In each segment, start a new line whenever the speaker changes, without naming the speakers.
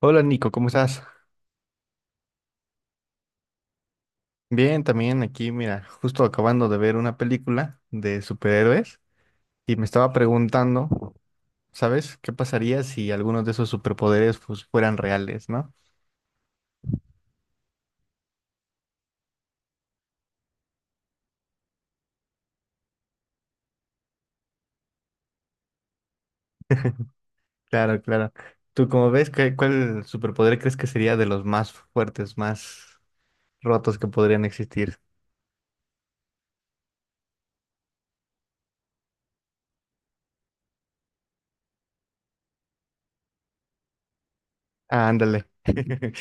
Hola Nico, ¿cómo estás? Bien, también aquí, mira, justo acabando de ver una película de superhéroes y me estaba preguntando, ¿sabes? ¿Qué pasaría si algunos de esos superpoderes pues, fueran reales, ¿no? Claro, claro. ¿Tú cómo ves? ¿Cuál superpoder crees que sería de los más fuertes, más rotos que podrían existir? Ah, ándale.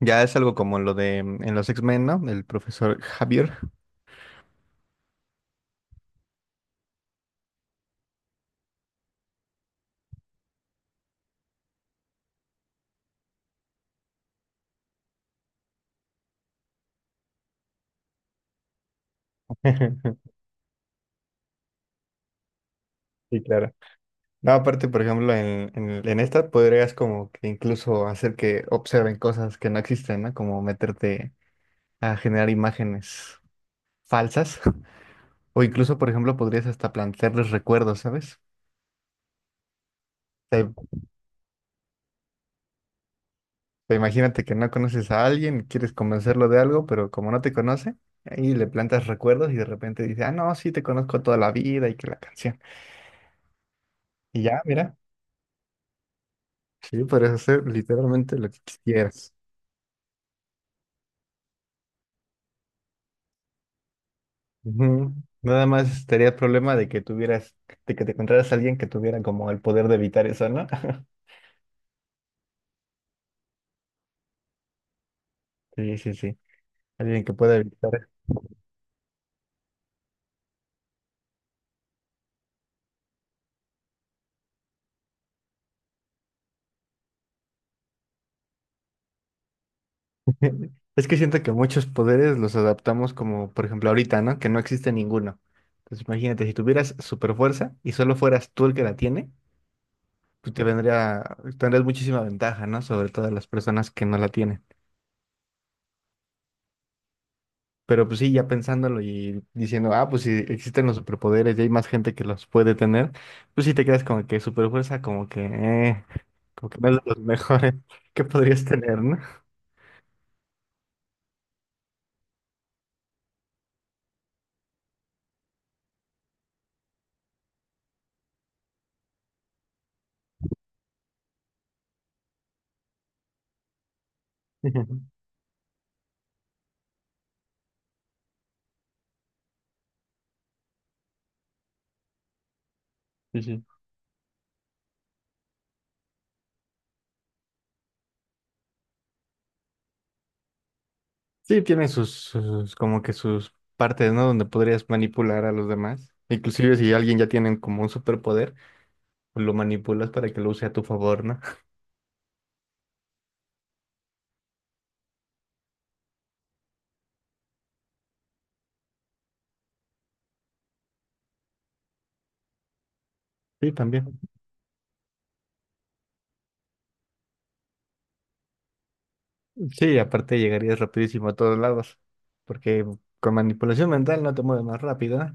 Ya es algo como lo de en los X-Men, ¿no? El profesor Javier. Sí, claro. No, aparte, por ejemplo, en esta podrías como que incluso hacer que observen cosas que no existen, ¿no? Como meterte a generar imágenes falsas. O incluso, por ejemplo, podrías hasta plantearles recuerdos, ¿sabes? Te- Te imagínate que no conoces a alguien y quieres convencerlo de algo, pero como no te conoce, ahí le plantas recuerdos y de repente dice, ah, no, sí, te conozco toda la vida y que la canción. Y ya, mira, sí, podrías hacer literalmente lo que quisieras. Ujú. Nada más estaría el problema de que tuvieras, de que te encontraras a alguien que tuviera como el poder de evitar eso, ¿no? Sí, sí, sí. Alguien que pueda evitar. Es que siento que muchos poderes los adaptamos como, por ejemplo, ahorita, ¿no? Que no existe ninguno. Entonces, imagínate, si tuvieras super fuerza y solo fueras tú el que la tiene, pues te vendría, tendrías muchísima ventaja, ¿no? Sobre todas las personas que no la tienen. Pero pues sí, ya pensándolo y diciendo, ah, pues si existen los superpoderes y hay más gente que los puede tener, pues sí te quedas como que superfuerza, como que no es de los mejores que podrías tener, ¿no? Sí, sí. Sí, tiene sus, como que sus partes, ¿no? Donde podrías manipular a los demás. Inclusive si alguien ya tiene como un superpoder, pues lo manipulas para que lo use a tu favor, ¿no? Sí, también. Sí, aparte llegarías rapidísimo a todos lados, porque con manipulación mental no te mueves más rápido, ¿eh?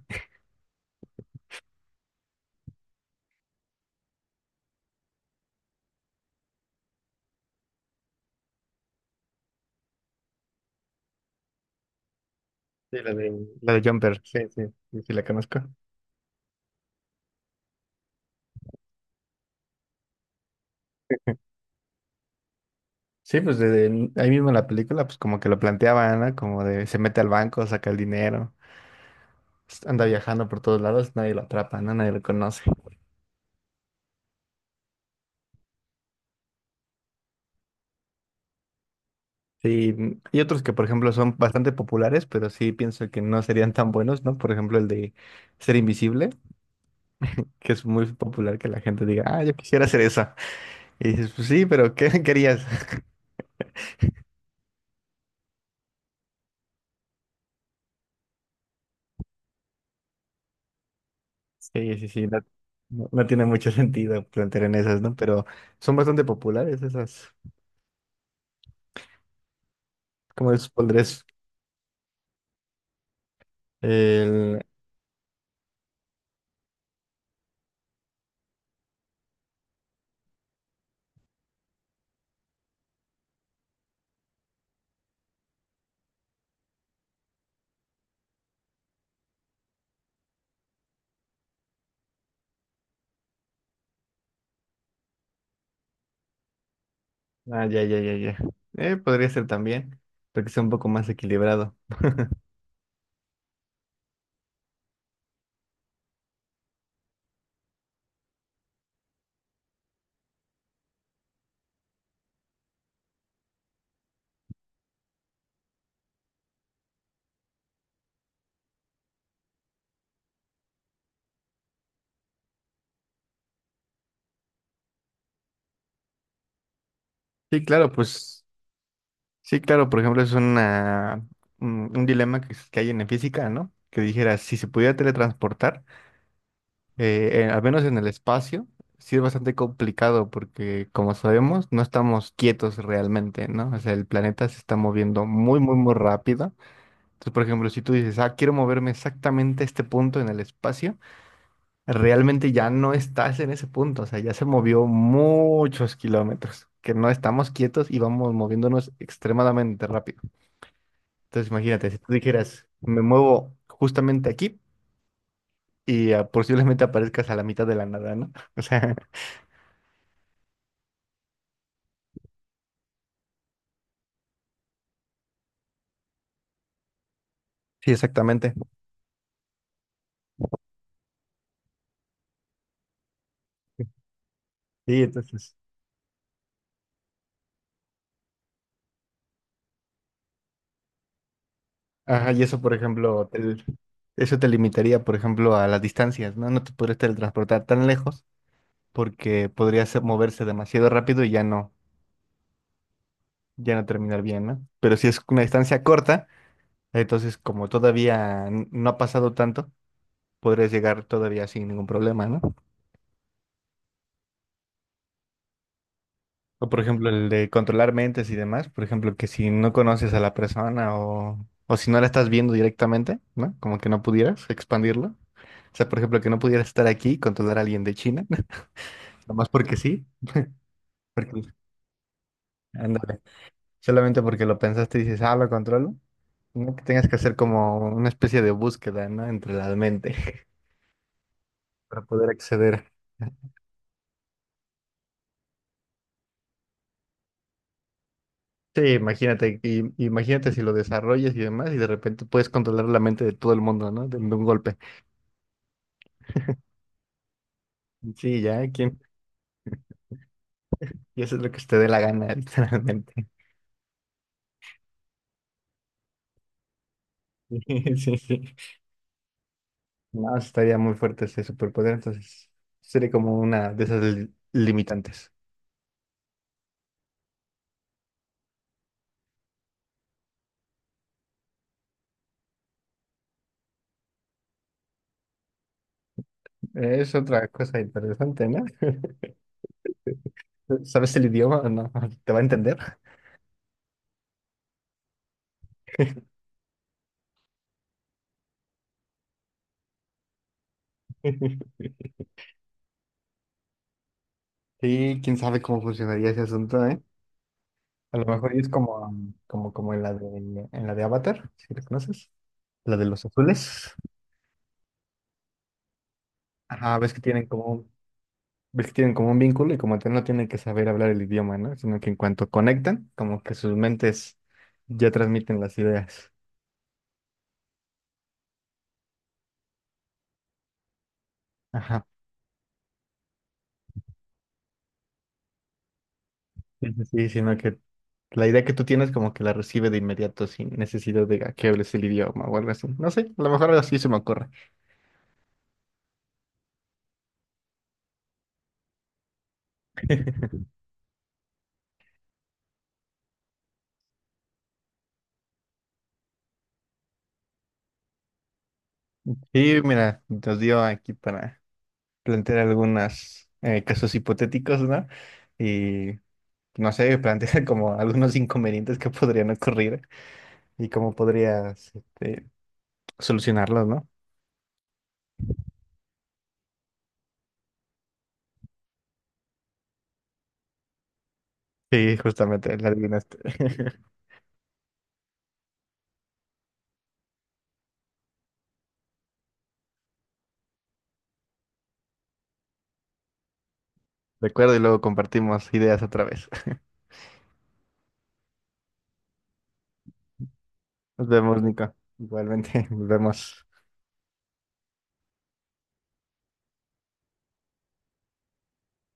Sí, la de Jumper, sí, sí, sí, sí la conozco. Sí, pues desde ahí mismo en la película, pues como que lo planteaban, ¿no? Como de se mete al banco, saca el dinero, anda viajando por todos lados, nadie lo atrapa, ¿no? Nadie lo conoce. Sí, y otros que, por ejemplo, son bastante populares, pero sí pienso que no serían tan buenos, ¿no? Por ejemplo, el de ser invisible, que es muy popular que la gente diga, ah, yo quisiera hacer eso. Y dices, pues sí, pero ¿qué querías? Sí, sí, sí, no, no tiene mucho sentido plantear en esas, ¿no? Pero son bastante populares esas. ¿Cómo les pondrías? El... Ah, ya, ya, ya, ya. Podría ser también, pero que sea un poco más equilibrado. Sí, claro, pues, sí, claro, por ejemplo, es una, un dilema que, que hay en la física, ¿no? Que dijera, si se pudiera teletransportar, al menos en el espacio, sí es bastante complicado porque, como sabemos, no estamos quietos realmente, ¿no? O sea, el planeta se está moviendo muy, muy, muy rápido. Entonces, por ejemplo, si tú dices, ah, quiero moverme exactamente a este punto en el espacio, realmente ya no estás en ese punto, o sea, ya se movió muchos kilómetros. Que no estamos quietos y vamos moviéndonos extremadamente rápido. Entonces imagínate, si tú dijeras, me muevo justamente aquí y ah, posiblemente aparezcas a la mitad de la nada, ¿no? O sea, sí, exactamente. Sí, entonces, ajá, y eso, por ejemplo, eso te limitaría, por ejemplo, a las distancias, ¿no? No te podrías teletransportar tan lejos porque podrías moverse demasiado rápido y ya no, ya no terminar bien, ¿no? Pero si es una distancia corta, entonces como todavía no ha pasado tanto, podrías llegar todavía sin ningún problema, ¿no? O por ejemplo, el de controlar mentes y demás, por ejemplo, que si no conoces a la persona o si no la estás viendo directamente, ¿no? Como que no pudieras expandirlo. O sea, por ejemplo, que no pudieras estar aquí y controlar a alguien de China, nomás porque, sí, ándale, solamente porque lo pensaste y dices, ah, lo controlo, ¿no? Que tengas que hacer como una especie de búsqueda, ¿no? Entre la mente para poder acceder. Sí, imagínate, imagínate si lo desarrollas y demás, y de repente puedes controlar la mente de todo el mundo, ¿no? De un golpe. Sí, ya, ¿quién? Y eso es lo que usted dé la gana, literalmente. Sí, sí, sí. No, estaría muy fuerte ese superpoder, entonces sería como una de esas limitantes. Es otra cosa interesante, ¿no? ¿Sabes el idioma o no? ¿Te va a entender? Sí, quién sabe cómo funcionaría ese asunto, ¿eh? A lo mejor es como, como, como en la de Avatar, si lo conoces, la de los azules. Ajá, ves que tienen como un ves que tienen como un vínculo y como tal no tienen que saber hablar el idioma, ¿no? Sino que en cuanto conectan, como que sus mentes ya transmiten las ideas. Ajá. Sí, sí, sí, sino que la idea que tú tienes como que la recibe de inmediato sin necesidad de que hables el idioma o algo así. No sé, a lo mejor algo así se me ocurre. Y mira, nos dio aquí para plantear algunos casos hipotéticos, ¿no? Y no sé, plantear como algunos inconvenientes que podrían ocurrir y cómo podrías este, solucionarlos, ¿no? Sí, justamente, la adivinaste. Recuerdo y luego compartimos ideas otra vez. Nos vemos, Nico. Igualmente, nos vemos.